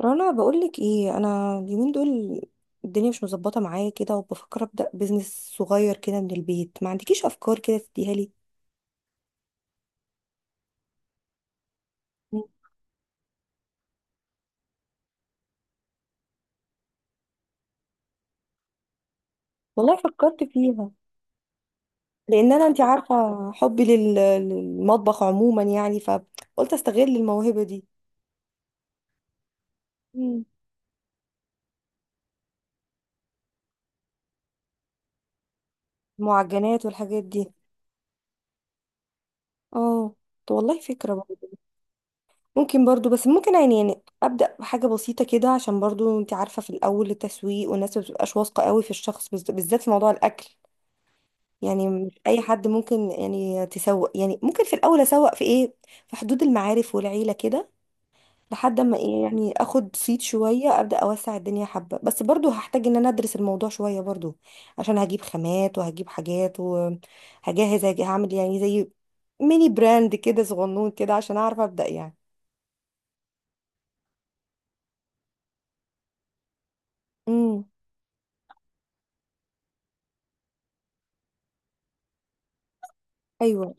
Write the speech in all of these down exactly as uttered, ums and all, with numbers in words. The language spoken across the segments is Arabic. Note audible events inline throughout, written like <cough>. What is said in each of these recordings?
رنا، بقولك ايه، انا اليومين دول الدنيا مش مظبطه معايا كده وبفكر ابدا بزنس صغير كده من البيت. ما عندكيش افكار كده تديها لي؟ مم. والله فكرت فيها لان انا، انت عارفه حبي لل- للمطبخ عموما، يعني فقلت استغل الموهبه دي. مم. المعجنات والحاجات دي. اه. طب والله فكره برضه. ممكن برضه، بس ممكن يعني، يعني ابدا بحاجه بسيطه كده، عشان برضه انت عارفه في الاول التسويق والناس ما بتبقاش واثقه قوي في الشخص، بز- بالذات في موضوع الاكل. يعني مش اي حد ممكن يعني تسوق. يعني ممكن في الاول اسوق في ايه؟ في حدود المعارف والعيله كده، لحد ما ايه، يعني اخد صيت شويه ابدا اوسع الدنيا حبه. بس برضو هحتاج ان انا ادرس الموضوع شويه برضو، عشان هجيب خامات وهجيب حاجات وهجهز، هج- هعمل يعني زي ميني براند كده صغنون كده، عشان اعرف ابدا يعني. امم. ايوه.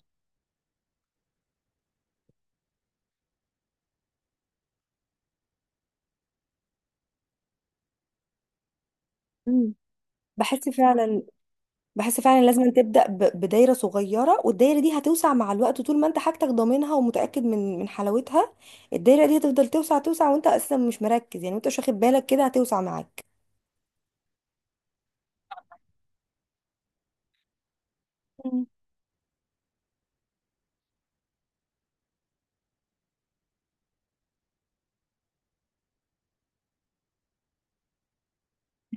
امم. بحس فعلا، بحس فعلا لازم تبدأ ب- بدايرة صغيرة، والدايرة دي هتوسع مع الوقت طول ما انت حاجتك ضامنها ومتأكد من من حلاوتها. الدايرة دي هتفضل توسع توسع، وانت اساسا مش مركز يعني، وانت مش واخد بالك كده هتوسع معاك. مم.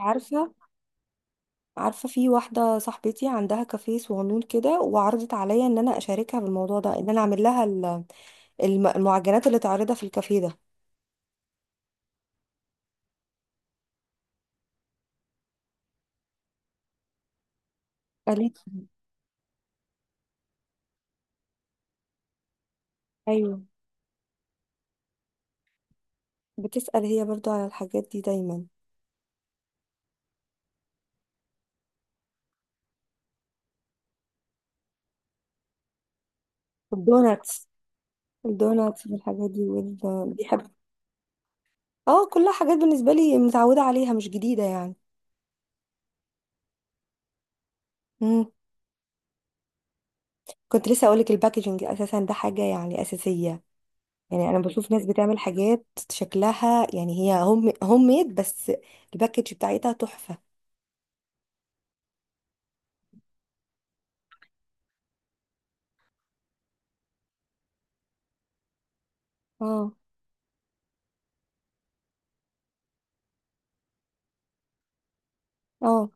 عارفة، عارفة في واحدة صاحبتي عندها كافيه صغنون كده، وعرضت عليا ان انا اشاركها بالموضوع ده، ان انا اعمل لها ال- الم- المعجنات اللي تعرضها في الكافيه ده. قالت لي. ايوه، بتسأل هي برضو على الحاجات دي دايما. الدوناتس، الدوناتس والحاجات دي وال- اه كلها حاجات بالنسبة لي، متعودة عليها، مش جديدة يعني. امم. كنت لسه اقولك الباكجينج اساسا، ده حاجة يعني اساسية. يعني انا بشوف ناس بتعمل حاجات شكلها يعني هي هوم هوم ميد، بس الباكج بتاعتها تحفة. اه. اه،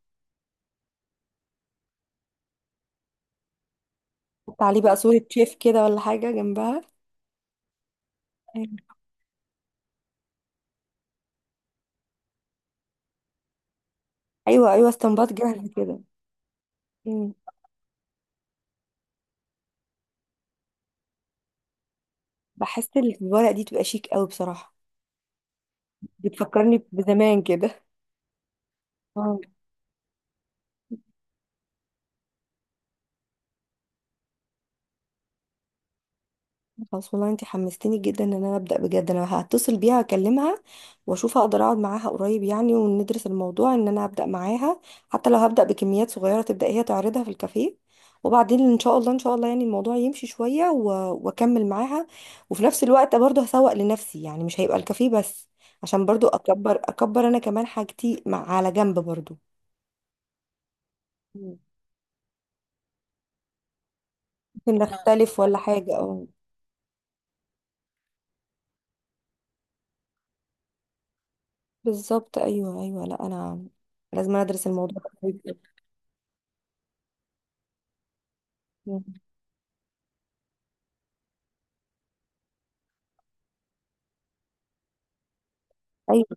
حط عليه بقى صورة شيف كده ولا حاجة جنبها. ايوه ايوه، استنباط جاهز كده. امم. بحس الورق دي تبقى شيك قوي بصراحة. بتفكرني بزمان كده. اه. خلاص والله انت حمستيني جدا ان انا ابدا بجد. انا هتصل بيها اكلمها واشوف اقدر اقعد معاها قريب يعني، وندرس الموضوع ان انا ابدا معاها. حتى لو هبدا بكميات صغيره تبدا هي تعرضها في الكافيه، وبعدين ان شاء الله، ان شاء الله يعني الموضوع يمشي شويه و- واكمل معاها. وفي نفس الوقت برضه هسوق لنفسي، يعني مش هيبقى الكافيه بس، عشان برضه اكبر اكبر انا كمان حاجتي مع على جنب برضه. مم. ممكن آه، نختلف ولا حاجه، اه. بالظبط، ايوه ايوه، لا انا لازم ادرس الموضوع ده. مم. ايوه.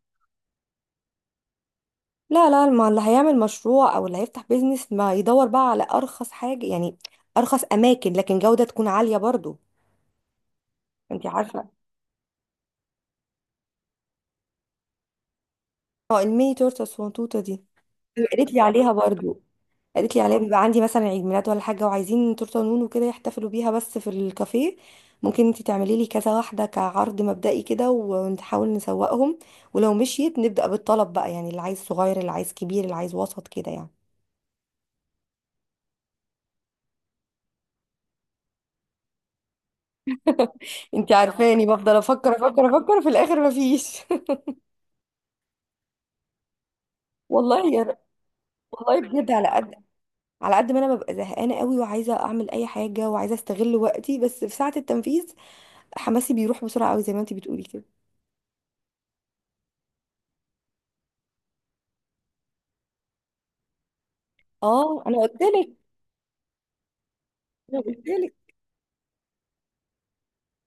لا لا، ما اللي هيعمل مشروع او اللي هيفتح بيزنس ما يدور بقى على ارخص حاجة يعني. ارخص اماكن، لكن جودة تكون عالية برضو. انت عارفة، اه الميني تورته الصغنطوطة دي. قالت لي عليها برضو. قالت لي عليها بيبقى عندي مثلا عيد ميلاد ولا حاجة وعايزين تورته نونو كده يحتفلوا بيها بس في الكافيه. ممكن انت تعملي لي كذا واحدة كعرض مبدئي كده ونحاول نسوقهم، ولو مشيت نبدأ بالطلب بقى، يعني اللي عايز صغير، اللي عايز كبير، اللي عايز وسط كده يعني. انت عارفاني بفضل افكر افكر افكر في الاخر مفيش. <laughs> والله، والله بجد، على قد، على قد ما انا ببقى زهقانه قوي وعايزه اعمل اي حاجه وعايزه استغل وقتي، بس في ساعه التنفيذ حماسي بيروح بسرعه قوي زي ما انت بتقولي كده. اه. انا قلت لك، انا قلت لك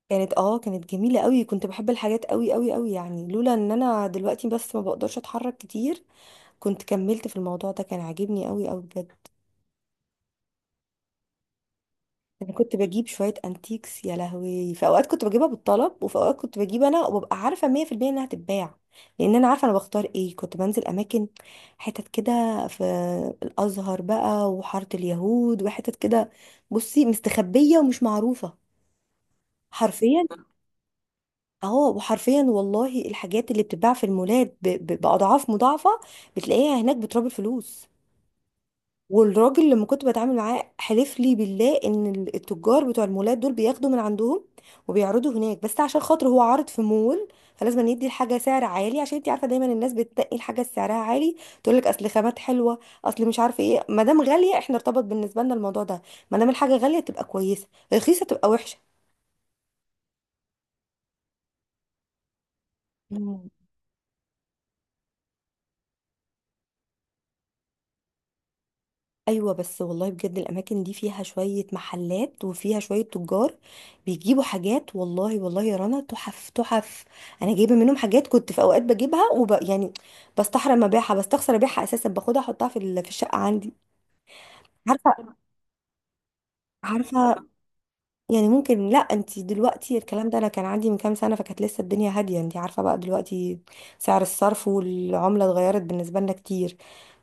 كانت، اه كانت جميله قوي، كنت بحب الحاجات قوي قوي قوي يعني. لولا ان انا دلوقتي بس ما بقدرش اتحرك كتير كنت كملت في الموضوع ده، كان عاجبني قوي قوي بجد. انا كنت بجيب شويه انتيكس. يا لهوي، في اوقات كنت بجيبها بالطلب، وفي اوقات كنت بجيب انا وببقى عارفه مية في المية انها هتتباع، لان انا عارفه انا بختار ايه. كنت بنزل اماكن حتت كده في الازهر بقى وحاره اليهود وحتت كده، بصي مستخبيه ومش معروفه حرفيا. اهو. وحرفيا والله الحاجات اللي بتتباع في المولات ب- ب- باضعاف مضاعفه بتلاقيها هناك بتراب الفلوس. والراجل لما كنت بتعامل معاه حلف لي بالله ان ال- التجار بتوع المولات دول بياخدوا من عندهم وبيعرضوا هناك، بس عشان خاطر هو عارض في مول فلازم أن يدي الحاجه سعر عالي، عشان انت عارفه دايما الناس بتتقي الحاجه سعرها عالي، تقول لك اصل خامات حلوه، اصل مش عارفه ايه. ما دام غاليه، احنا ارتبط بالنسبه لنا الموضوع ده، ما دام الحاجه غاليه تبقى كويسه، رخيصه تبقى وحشه. ايوه بس والله بجد الاماكن دي فيها شويه محلات وفيها شويه تجار بيجيبوا حاجات، والله والله يا رنا تحف تحف. انا جايبه منهم حاجات كنت في اوقات بجيبها وب... يعني بستحرم ابيعها، بستخسر ابيعها، اساسا باخدها احطها في ال- في الشقه عندي. عارفه، عارفه يعني ممكن، لا انت دلوقتي الكلام ده انا كان عندي من كام سنه، فكانت لسه الدنيا هاديه. انت عارفه بقى دلوقتي سعر الصرف والعمله اتغيرت بالنسبه لنا كتير.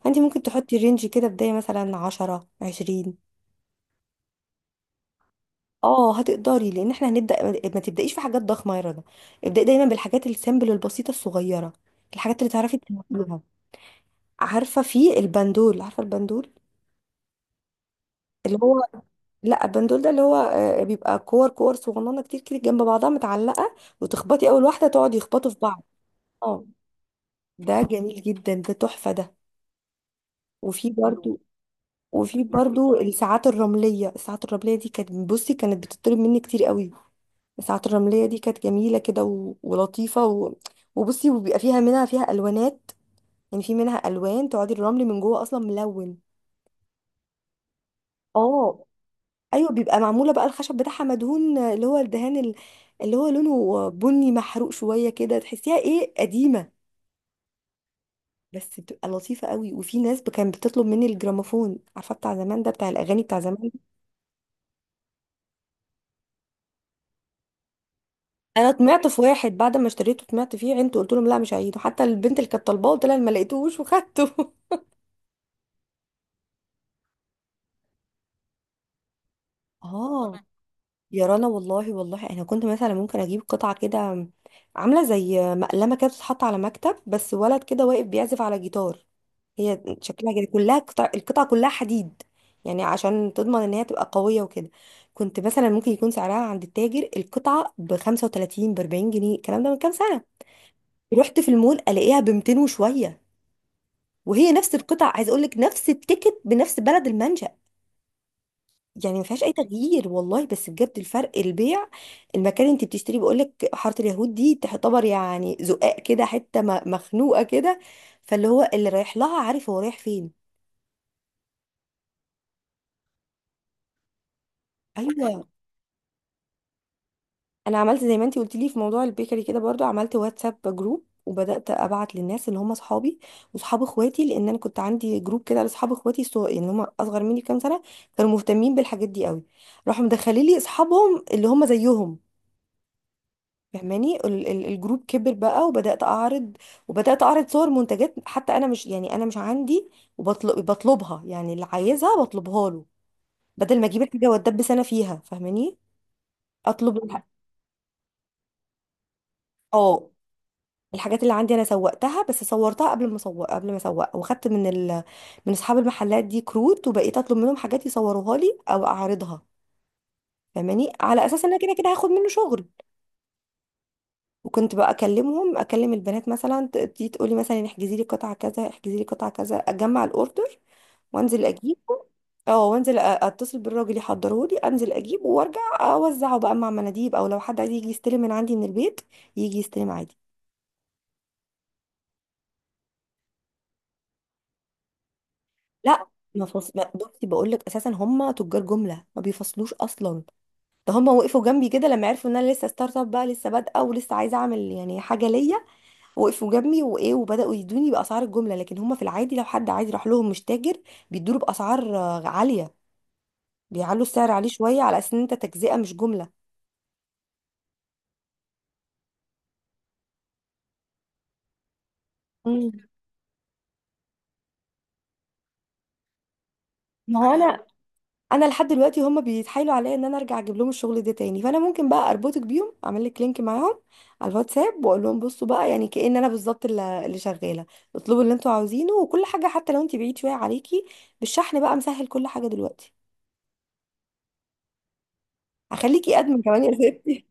فانت ممكن تحطي رينج كده بدايه مثلا عشرة عشرين. اه هتقدري، لان احنا هنبدا. ما تبدايش في حاجات ضخمه يا رنا، ابداي دايما بالحاجات السامبل البسيطه الصغيره، الحاجات اللي تعرفي تنميها. عارفه في البندول، عارفه البندول اللي هو، لا البندول ده اللي هو آه، بيبقى كور كور صغننه كتير كده جنب بعضها متعلقه، وتخبطي اول واحده تقعد يخبطوا في بعض. اه، ده جميل جدا، ده تحفه ده. وفي برضو، وفي برضو الساعات الرمليه، الساعات الرمليه دي كانت، بصي كانت بتطلب مني كتير قوي. ساعة الرملية دي كانت جميلة كده و... ولطيفة، و... وبصي وبيبقى فيها منها فيها ألوانات، يعني في منها ألوان تقعدي الرمل من جوه أصلا ملون. اه، أيوة بيبقى معمولة بقى الخشب بتاعها مدهون، اللي هو الدهان ال- اللي هو لونه بني محروق شوية كده، تحسيها إيه، قديمة. بس بتبقى لطيفة قوي. وفي ناس، ب- كانت بتطلب مني الجراموفون، عارفة بتاع زمان ده، بتاع الأغاني بتاع زمان. أنا طمعت في واحد بعد ما اشتريته، طمعت فيه عينته، قلت لهم لا مش هعيده، حتى البنت اللي كانت طالباه قلت لها أنا ما لقيتهوش وخدته. <laughs> اه. يا رنا والله والله انا كنت مثلا ممكن اجيب قطعه كده، عامله زي مقلمه كده بتتحط على مكتب، بس ولد كده واقف بيعزف على جيتار، هي شكلها كده كلها قطع، القطعه كلها حديد يعني، عشان تضمن ان هي تبقى قويه وكده. كنت مثلا ممكن يكون سعرها عند التاجر القطعه ب خمسة وتلاتين ب اربعين جنيه، الكلام ده من كام سنه. رحت في المول الاقيها ب ميتين وشويه، وهي نفس القطع عايز اقول لك، نفس التيكت بنفس بلد المنشأ، يعني ما فيهاش اي تغيير والله. بس بجد الفرق البيع، المكان اللي انت بتشتري، بقول لك حاره اليهود دي تعتبر يعني زقاق كده، حته م- مخنوقه كده، فاللي هو اللي رايح لها عارف هو رايح فين. ايوه. انا عملت زي ما انت قلت لي في موضوع البيكري كده برضو، عملت واتساب جروب وبدات ابعت للناس اللي هم اصحابي واصحاب اخواتي، لان انا كنت عندي جروب كده لاصحاب اخواتي، الصغ- اللي هم اصغر مني بكام سنه. كانوا مهتمين بالحاجات دي قوي، راحوا مدخلين لي اصحابهم اللي هم زيهم، فهماني. ال- ال- الجروب كبر بقى وبدأت أعرض، وبدأت أعرض صور منتجات، حتى أنا مش، يعني أنا مش عندي، وبطلب، بطلبها يعني، اللي عايزها بطلبها له، بدل ما أجيب الحاجة وأتدبس أنا فيها، فاهماني. أطلب. مم. الح... اه الحاجات اللي عندي أنا سوقتها، بس صورتها قبل ما أسوق، قبل ما أسوق. وخدت من ال... من أصحاب المحلات دي كروت، وبقيت أطلب منهم حاجات يصوروها لي أو أعرضها، فاهماني، على أساس إن أنا كده كده هاخد منه شغل. وكنت بقى اكلمهم، اكلم البنات مثلا ت- تيجي تقولي مثلا احجزي لي قطعه كذا، احجزي لي قطعه كذا، اجمع الاوردر وانزل اجيبه. اه، وانزل أ- اتصل بالراجل يحضره لي، انزل اجيبه وارجع اوزعه بقى مع مناديب، او لو حد عايز يجي يستلم من عندي من البيت يجي يستلم عادي. لا، ما فص... ما- بصي بقول لك اساسا هم تجار جمله ما بيفصلوش اصلا. ده هم وقفوا جنبي كده لما عرفوا ان انا لسه ستارت اب بقى، لسه بادئه ولسه عايزه اعمل يعني حاجه ليا، وقفوا جنبي، وايه وبداوا يدوني باسعار الجمله. لكن هما في العادي لو حد عادي راح لهم مش تاجر، بيدوله باسعار آه، عاليه، بيعلوا السعر عليه شويه على اساس ان انت تجزئه مش جمله. مم. ما هو انا، انا لحد دلوقتي هما بيتحايلوا عليا ان انا ارجع اجيب لهم الشغل ده تاني، فانا ممكن بقى اربطك بيهم، اعمل لك لينك معاهم على الواتساب، واقول لهم بصوا بقى، يعني كأن انا بالظبط اللي اللي شغاله، اطلبوا اللي انتوا عاوزينه. وكل حاجه حتى لو انت بعيد شويه عليكي، بالشحن بقى مسهل كل حاجه دلوقتي. هخليكي ادمن كمان يا ستي.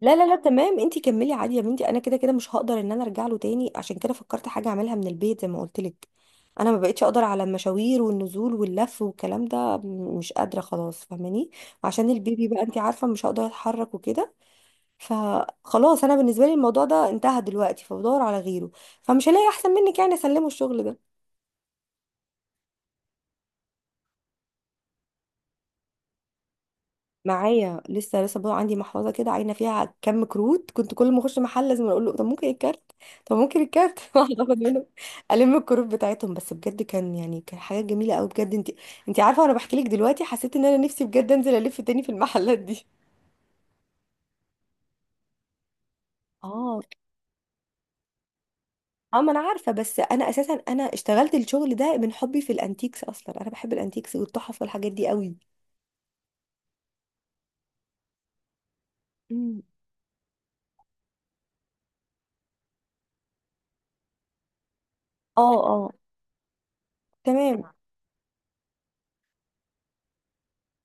لا لا لا، تمام انتي كملي عادي يا بنتي، انا كده كده مش هقدر ان انا ارجع له تاني، عشان كده فكرت حاجه اعملها من البيت زي ما قلت لك. انا ما بقتش اقدر على المشاوير والنزول واللف والكلام ده، م- مش قادره خلاص، فاهماني، عشان البيبي بقى انتي عارفه مش هقدر اتحرك وكده. فخلاص انا بالنسبه لي الموضوع ده انتهى دلوقتي، فبدور على غيره، فمش هلاقي احسن منك يعني اسلمه الشغل ده. معايا لسه، لسه برضه عندي محفظه كده عاينه فيها كم كروت، كنت كل ما اخش محل لازم اقول له طب ممكن الكارت، طب ممكن الكارت. <laughs> واحد اخد منه الم الكروت بتاعتهم، بس بجد كان يعني كان حاجه جميله قوي بجد. انت، انت عارفه وانا بحكي لك دلوقتي حسيت ان انا نفسي بجد انزل الف تاني في المحلات دي. اه. اه ما انا عارفه، بس انا اساسا انا اشتغلت الشغل ده من حبي في الانتيكس اصلا، انا بحب الانتيكس والتحف والحاجات دي قوي. أمم. اه اه، تمام.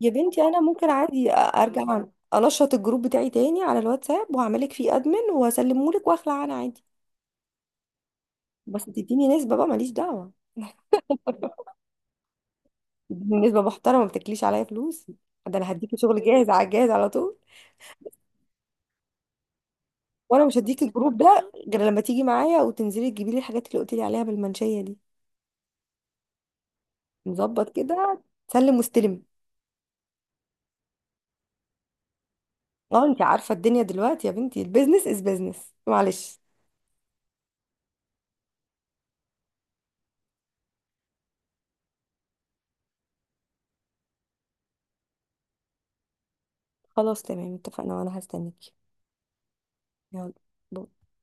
يا بنتي انا ممكن عادي ارجع الله انشط الجروب بتاعي تاني على الواتساب، وهعملك فيه ادمن وهسلمه لك واخلع انا عادي. بس تديني نسبه بقى، ماليش دعوه، تديني نسبه محترمه ما بتاكليش عليا فلوس، ده انا هديكي شغل جاهز على الجاهز على طول. وانا مش هديكي الجروب ده غير لما تيجي معايا وتنزلي تجيبي لي الحاجات اللي قلت لي عليها بالمنشيه دي. نظبط كده، سلم واستلم. اه انت عارفه الدنيا دلوقتي يا بنتي، البيزنس از بيزنس، معلش. خلاص تمام اتفقنا، وانا هستنيكي. يلا.